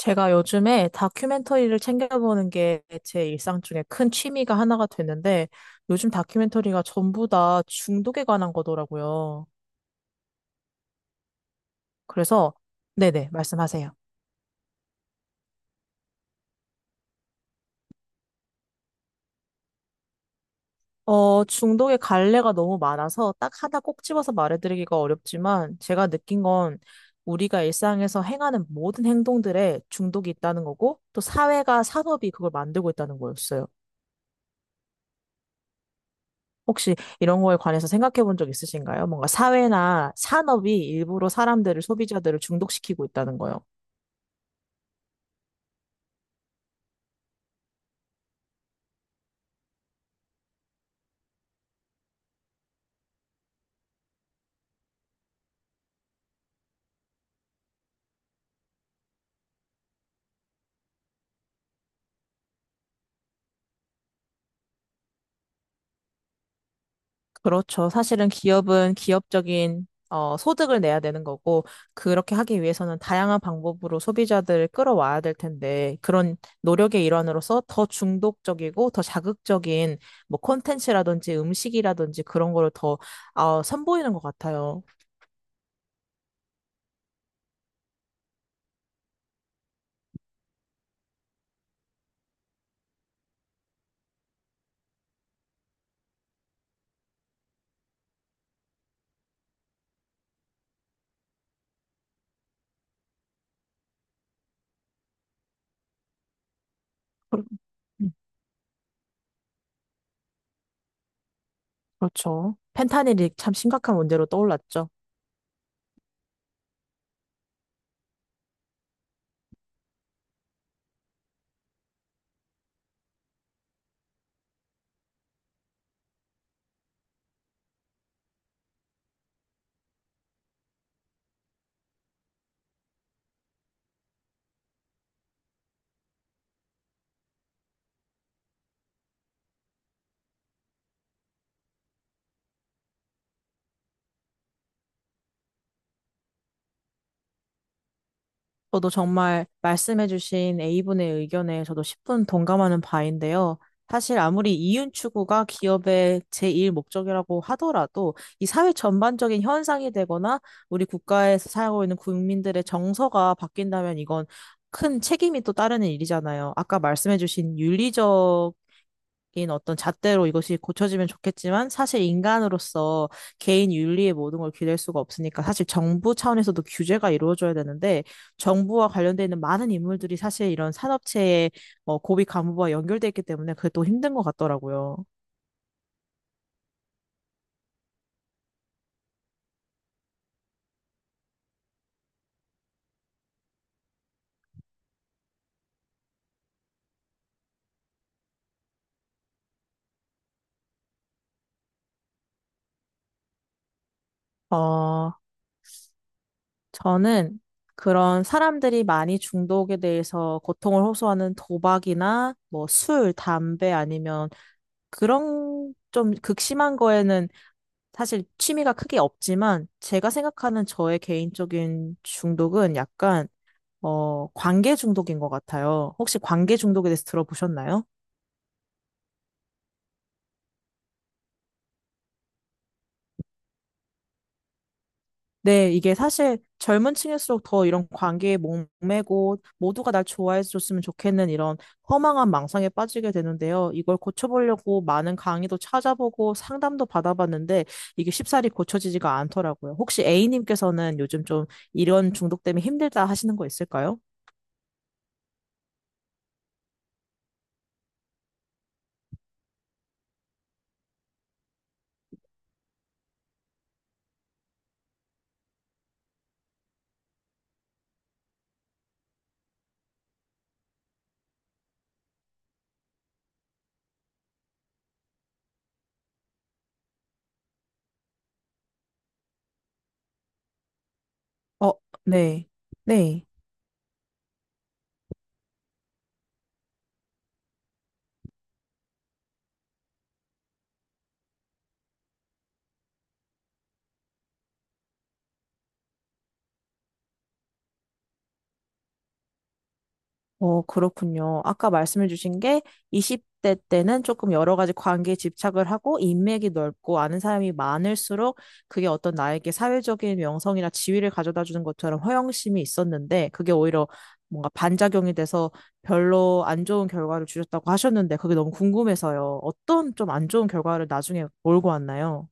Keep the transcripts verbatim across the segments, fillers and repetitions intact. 제가 요즘에 다큐멘터리를 챙겨보는 게 제 일상 중에 큰 취미가 하나가 됐는데 요즘 다큐멘터리가 전부 다 중독에 관한 거더라고요. 그래서 네네, 말씀하세요. 어, 중독의 갈래가 너무 많아서 딱 하나 꼭 집어서 말해드리기가 어렵지만 제가 느낀 건 우리가 일상에서 행하는 모든 행동들에 중독이 있다는 거고 또 사회가 산업이 그걸 만들고 있다는 거였어요. 혹시 이런 거에 관해서 생각해 본 적 있으신가요? 뭔가 사회나 산업이 일부러 사람들을, 소비자들을 중독시키고 있다는 거요. 그렇죠. 사실은 기업은 기업적인 어, 소득을 내야 되는 거고, 그렇게 하기 위해서는 다양한 방법으로 소비자들을 끌어와야 될 텐데, 그런 노력의 일환으로서 더 중독적이고 더 자극적인 뭐 콘텐츠라든지 음식이라든지 그런 거를 더 어, 선보이는 것 같아요. 그렇- 음, 그렇죠. 펜타닐이 참 심각한 문제로 떠올랐죠. 저도 정말 말씀해주신 A분의 의견에 저도 십 분 동감하는 바인데요. 사실 아무리 이윤 추구가 기업의 제일 목적이라고 하더라도 이 사회 전반적인 현상이 되거나 우리 국가에서 살고 있는 국민들의 정서가 바뀐다면 이건 큰 책임이 또 따르는 일이잖아요. 아까 말씀해주신 윤리적 인 어떤 잣대로 이것이 고쳐지면 좋겠지만 사실 인간으로서 개인 윤리의 모든 걸 기댈 수가 없으니까 사실 정부 차원에서도 규제가 이루어져야 되는데 정부와 관련돼 있는 많은 인물들이 사실 이런 산업체의 어, 고위 간부와 연결돼 있기 때문에 그게 또 힘든 것 같더라고요. 어, 저는 그런 사람들이 많이 중독에 대해서 고통을 호소하는 도박이나 뭐 술, 담배 아니면 그런 좀 극심한 거에는 사실 취미가 크게 없지만 제가 생각하는 저의 개인적인 중독은 약간 어 관계 중독인 것 같아요. 혹시 관계 중독에 대해서 들어보셨나요? 네, 이게 사실 젊은 층일수록 더 이런 관계에 목매고 모두가 날 좋아해줬으면 좋겠는 이런 허망한 망상에 빠지게 되는데요. 이걸 고쳐보려고 많은 강의도 찾아보고 상담도 받아봤는데 이게 쉽사리 고쳐지지가 않더라고요. 혹시 A님께서는 요즘 좀 이런 중독 때문에 힘들다 하시는 거 있을까요? 어, 네. 네. 어, 그렇군요. 아까 말씀해 주신 게 이십 대 때는 조금 여러 가지 관계에 집착을 하고 인맥이 넓고 아는 사람이 많을수록 그게 어떤 나에게 사회적인 명성이나 지위를 가져다 주는 것처럼 허영심이 있었는데 그게 오히려 뭔가 반작용이 돼서 별로 안 좋은 결과를 주셨다고 하셨는데 그게 너무 궁금해서요. 어떤 좀 안 좋은 결과를 나중에 몰고 왔나요?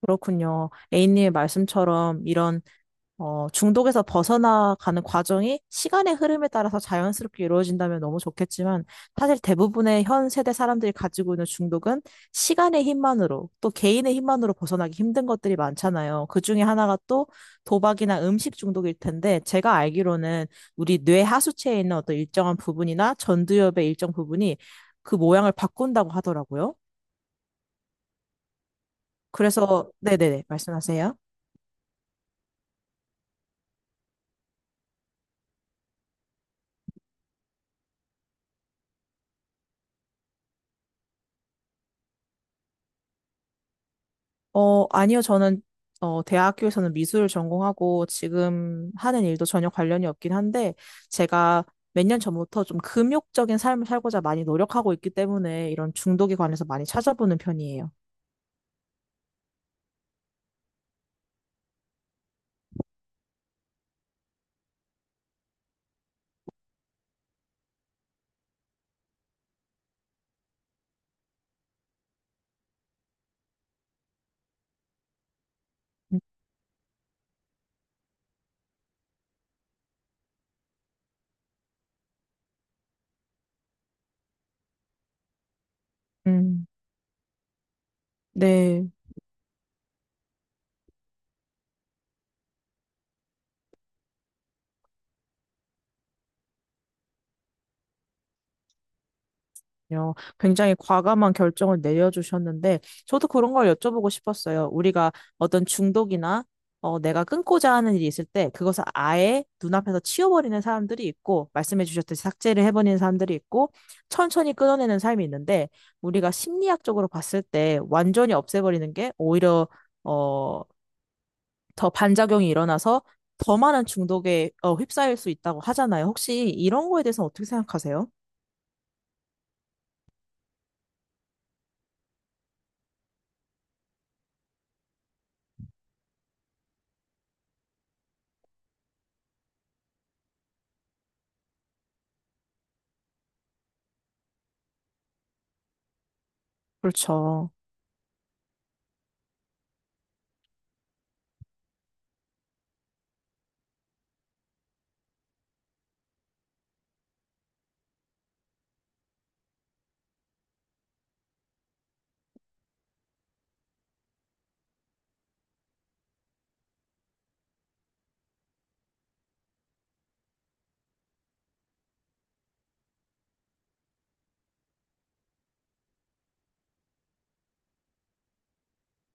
그렇군요. A님의 말씀처럼 이런 어, 중독에서 벗어나가는 과정이 시간의 흐름에 따라서 자연스럽게 이루어진다면 너무 좋겠지만, 사실 대부분의 현 세대 사람들이 가지고 있는 중독은 시간의 힘만으로, 또 개인의 힘만으로 벗어나기 힘든 것들이 많잖아요. 그 중에 하나가 또 도박이나 음식 중독일 텐데, 제가 알기로는 우리 뇌 하수체에 있는 어떤 일정한 부분이나 전두엽의 일정 부분이 그 모양을 바꾼다고 하더라고요. 그래서, 네네네, 말씀하세요. 어, 아니요. 저는 어, 대학교에서는 미술을 전공하고 지금 하는 일도 전혀 관련이 없긴 한데 제가 몇 년 전부터 좀 금욕적인 삶을 살고자 많이 노력하고 있기 때문에 이런 중독에 관해서 많이 찾아보는 편이에요. 음, 음. 네. 요 굉장히 과감한 결정을 내려주셨는데, 저도 그런 걸 여쭤보고 싶었어요. 우리가 어떤 중독이나 어, 내가 끊고자 하는 일이 있을 때, 그것을 아예 눈앞에서 치워버리는 사람들이 있고, 말씀해 주셨듯이 삭제를 해버리는 사람들이 있고, 천천히 끊어내는 삶이 있는데, 우리가 심리학적으로 봤을 때 완전히 없애버리는 게 오히려 어, 더 반작용이 일어나서 더 많은 중독에 어, 휩싸일 수 있다고 하잖아요. 혹시 이런 거에 대해서 어떻게 생각하세요? 그렇죠.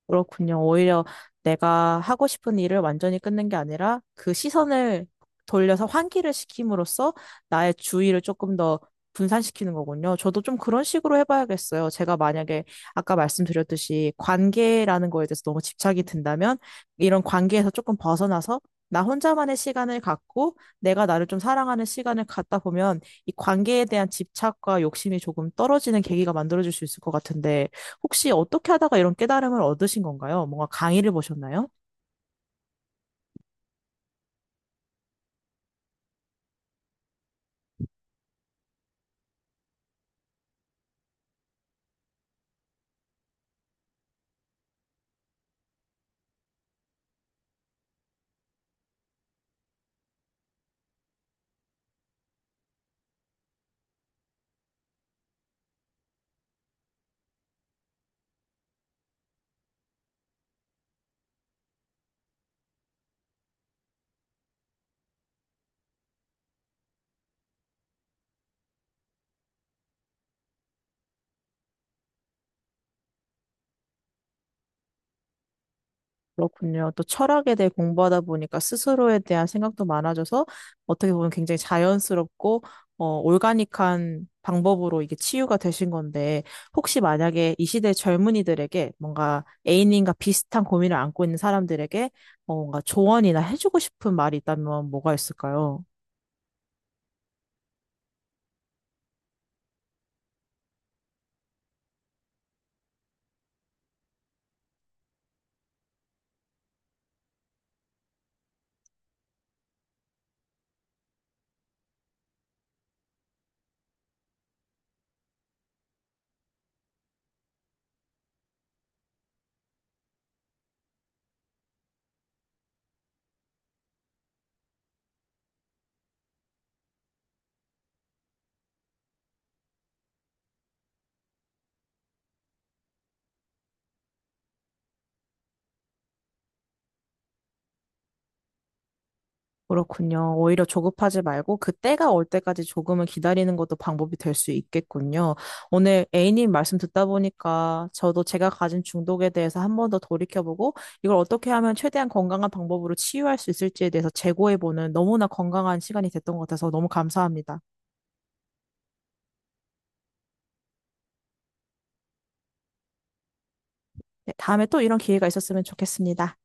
그렇군요. 오히려 내가 하고 싶은 일을 완전히 끊는 게 아니라 그 시선을 돌려서 환기를 시킴으로써 나의 주의를 조금 더 분산시키는 거군요. 저도 좀 그런 식으로 해봐야겠어요. 제가 만약에 아까 말씀드렸듯이 관계라는 거에 대해서 너무 집착이 든다면 이런 관계에서 조금 벗어나서 나 혼자만의 시간을 갖고 내가 나를 좀 사랑하는 시간을 갖다 보면 이 관계에 대한 집착과 욕심이 조금 떨어지는 계기가 만들어질 수 있을 것 같은데 혹시 어떻게 하다가 이런 깨달음을 얻으신 건가요? 뭔가 강의를 보셨나요? 그렇군요. 또 철학에 대해 공부하다 보니까 스스로에 대한 생각도 많아져서 어떻게 보면 굉장히 자연스럽고 어, 올가닉한 방법으로 이게 치유가 되신 건데 혹시 만약에 이 시대 젊은이들에게 뭔가 A님과 비슷한 고민을 안고 있는 사람들에게 어, 뭔가 조언이나 해주고 싶은 말이 있다면 뭐가 있을까요? 그렇군요. 오히려 조급하지 말고 그때가 올 때까지 조금은 기다리는 것도 방법이 될 수 있겠군요. 오늘 A님 말씀 듣다 보니까 저도 제가 가진 중독에 대해서 한번 더 돌이켜보고 이걸 어떻게 하면 최대한 건강한 방법으로 치유할 수 있을지에 대해서 재고해보는 너무나 건강한 시간이 됐던 것 같아서 너무 감사합니다. 네, 다음에 또 이런 기회가 있었으면 좋겠습니다.